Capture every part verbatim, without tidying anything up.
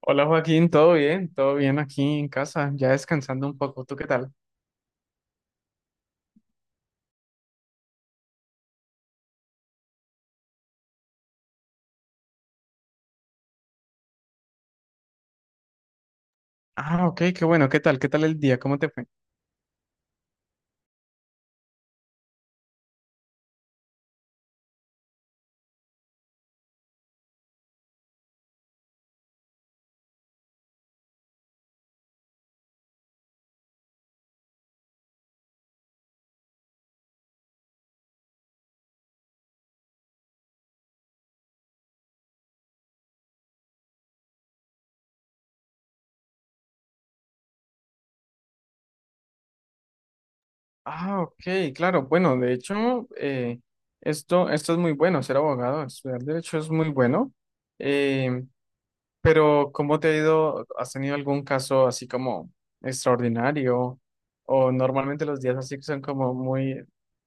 Hola Joaquín, ¿todo bien? ¿Todo bien aquí en casa? Ya descansando un poco, ¿tú qué tal? Ah, ok, qué bueno, ¿qué tal? ¿Qué tal el día? ¿Cómo te fue? Ah, ok, claro, bueno, de hecho, eh, esto, esto es muy bueno, ser abogado, estudiar derecho es muy bueno. Eh, Pero, ¿cómo te ha ido? ¿Has tenido algún caso así como extraordinario? O normalmente los días así que son como muy,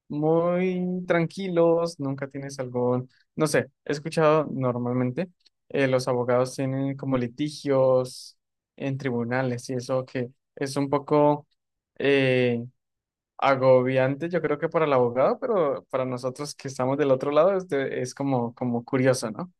muy tranquilos, nunca tienes algún, no sé, he escuchado normalmente eh, los abogados tienen como litigios en tribunales y eso que es un poco eh, agobiante, yo creo que para el abogado, pero para nosotros que estamos del otro lado es, de- es como, como curioso, ¿no?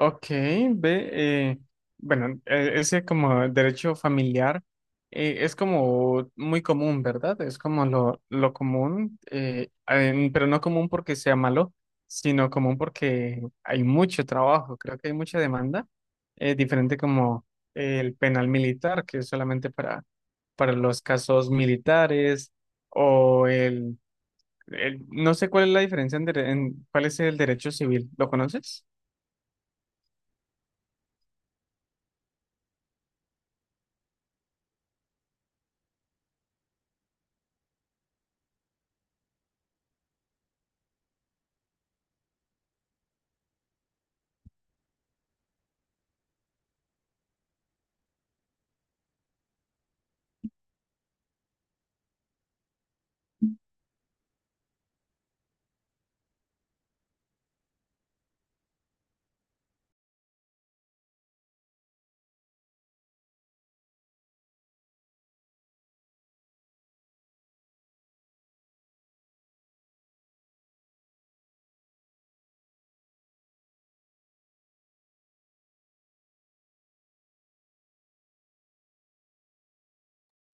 Ok, ve, eh, bueno, eh, ese como derecho familiar eh, es como muy común, ¿verdad? Es como lo, lo común, eh, en- pero no común porque sea malo, sino común porque hay mucho trabajo, creo que hay mucha demanda, eh, diferente como el penal militar, que es solamente para, para los casos militares o el, el- no sé cuál es la diferencia en, dere- en- cuál es el derecho civil, ¿lo conoces?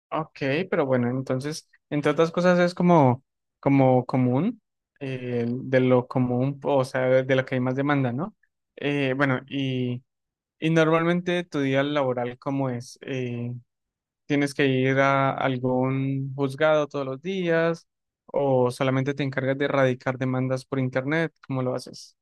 Ok, pero bueno, entonces, entre otras cosas es como, como común, eh, de lo común, o sea, de, de lo que hay más demanda, ¿no? Eh, bueno, y, y normalmente tu día laboral, ¿cómo es? Eh, ¿tienes que ir a algún juzgado todos los días o solamente te encargas de erradicar demandas por internet? ¿Cómo lo haces?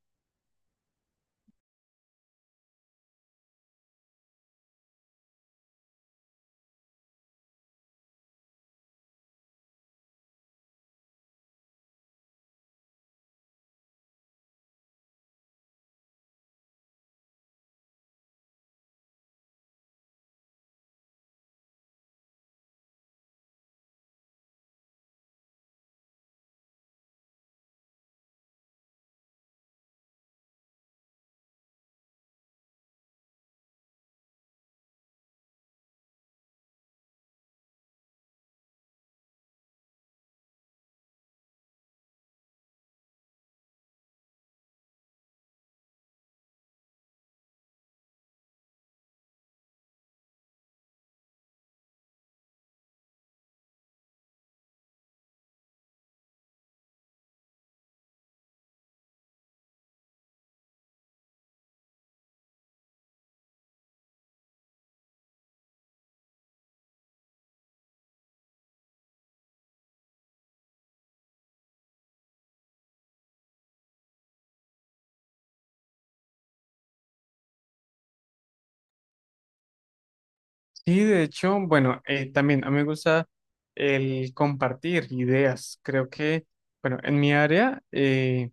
Sí, de hecho, bueno, eh, también a mí me gusta el compartir ideas. Creo que, bueno, en mi área... eh,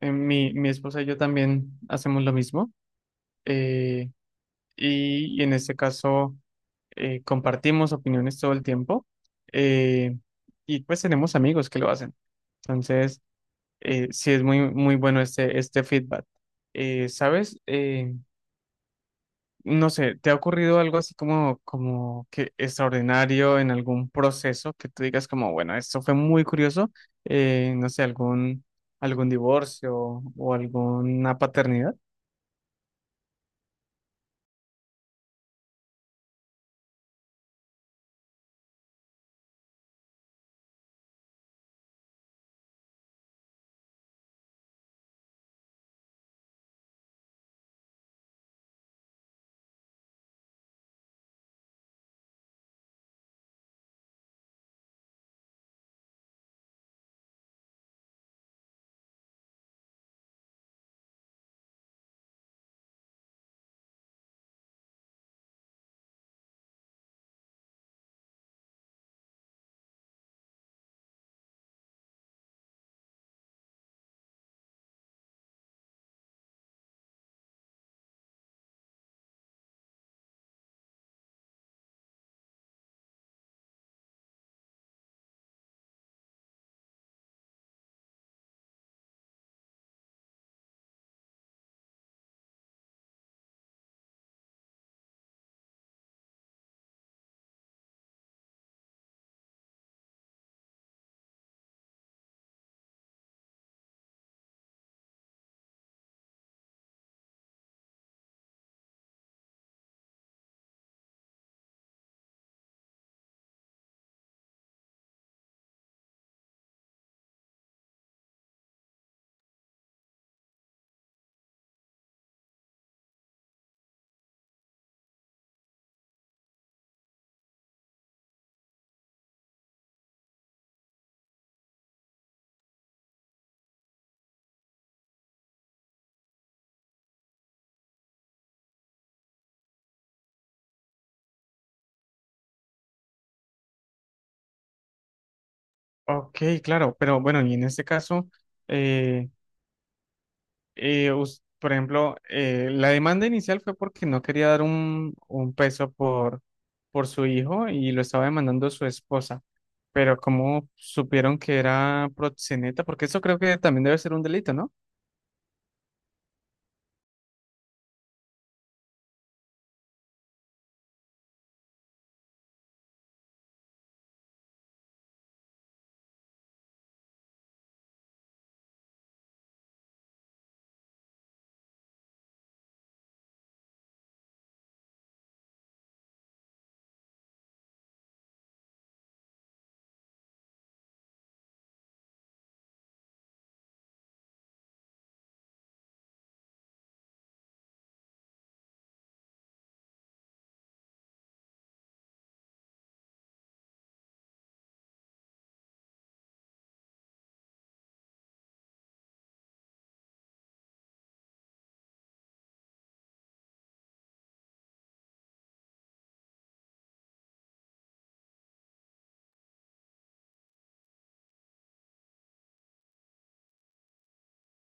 Eh, Mi, mi esposa y yo también hacemos lo mismo eh, y, y en este caso eh, compartimos opiniones todo el tiempo eh, y pues tenemos amigos que lo hacen. Entonces, eh, sí es muy, muy bueno este, este feedback. Eh, ¿sabes? Eh, no sé, ¿te ha ocurrido algo así como, como que extraordinario en algún proceso que tú digas como, bueno, esto fue muy curioso? Eh, no sé, algún, algún divorcio o alguna paternidad. Ok, claro, pero bueno, y en este caso, eh, eh, us- por ejemplo, eh, la demanda inicial fue porque no quería dar un, un peso por, por su hijo y lo estaba demandando su esposa, pero ¿cómo supieron que era proxeneta? Porque eso creo que también debe ser un delito, ¿no?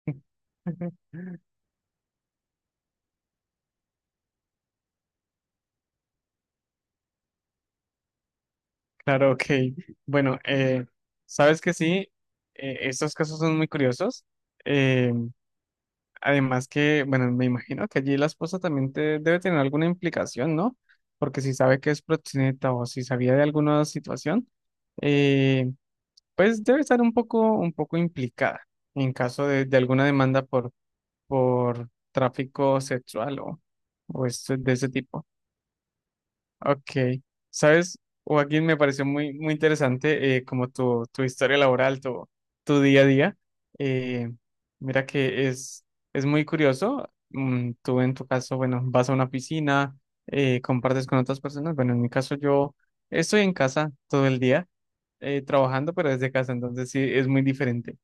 Claro, ok. Bueno, eh, sabes que sí, eh, estos casos son muy curiosos. eh, Además que, bueno, me imagino que allí la esposa también te- debe tener alguna implicación, ¿no? Porque si sabe que es proxeneta o si sabía de alguna situación, eh, pues debe estar un poco, un poco implicada en caso de, de alguna demanda por, por tráfico sexual o, o este- de ese tipo. Ok, ¿sabes? Joaquín, me pareció muy, muy interesante eh, como tu, tu historia laboral, tu, tu día a día. Eh, mira que es, es muy curioso. Mm, tú en tu caso, bueno, vas a una piscina, eh, compartes con otras personas. Bueno, en mi caso yo estoy en casa todo el día eh, trabajando, pero desde casa, entonces sí, es muy diferente.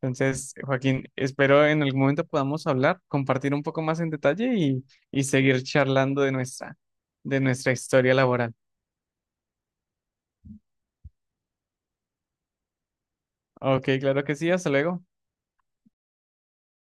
Entonces, Joaquín, espero en algún momento podamos hablar, compartir un poco más en detalle y, y seguir charlando de nuestra, de nuestra historia laboral. Ok, claro que sí, hasta luego.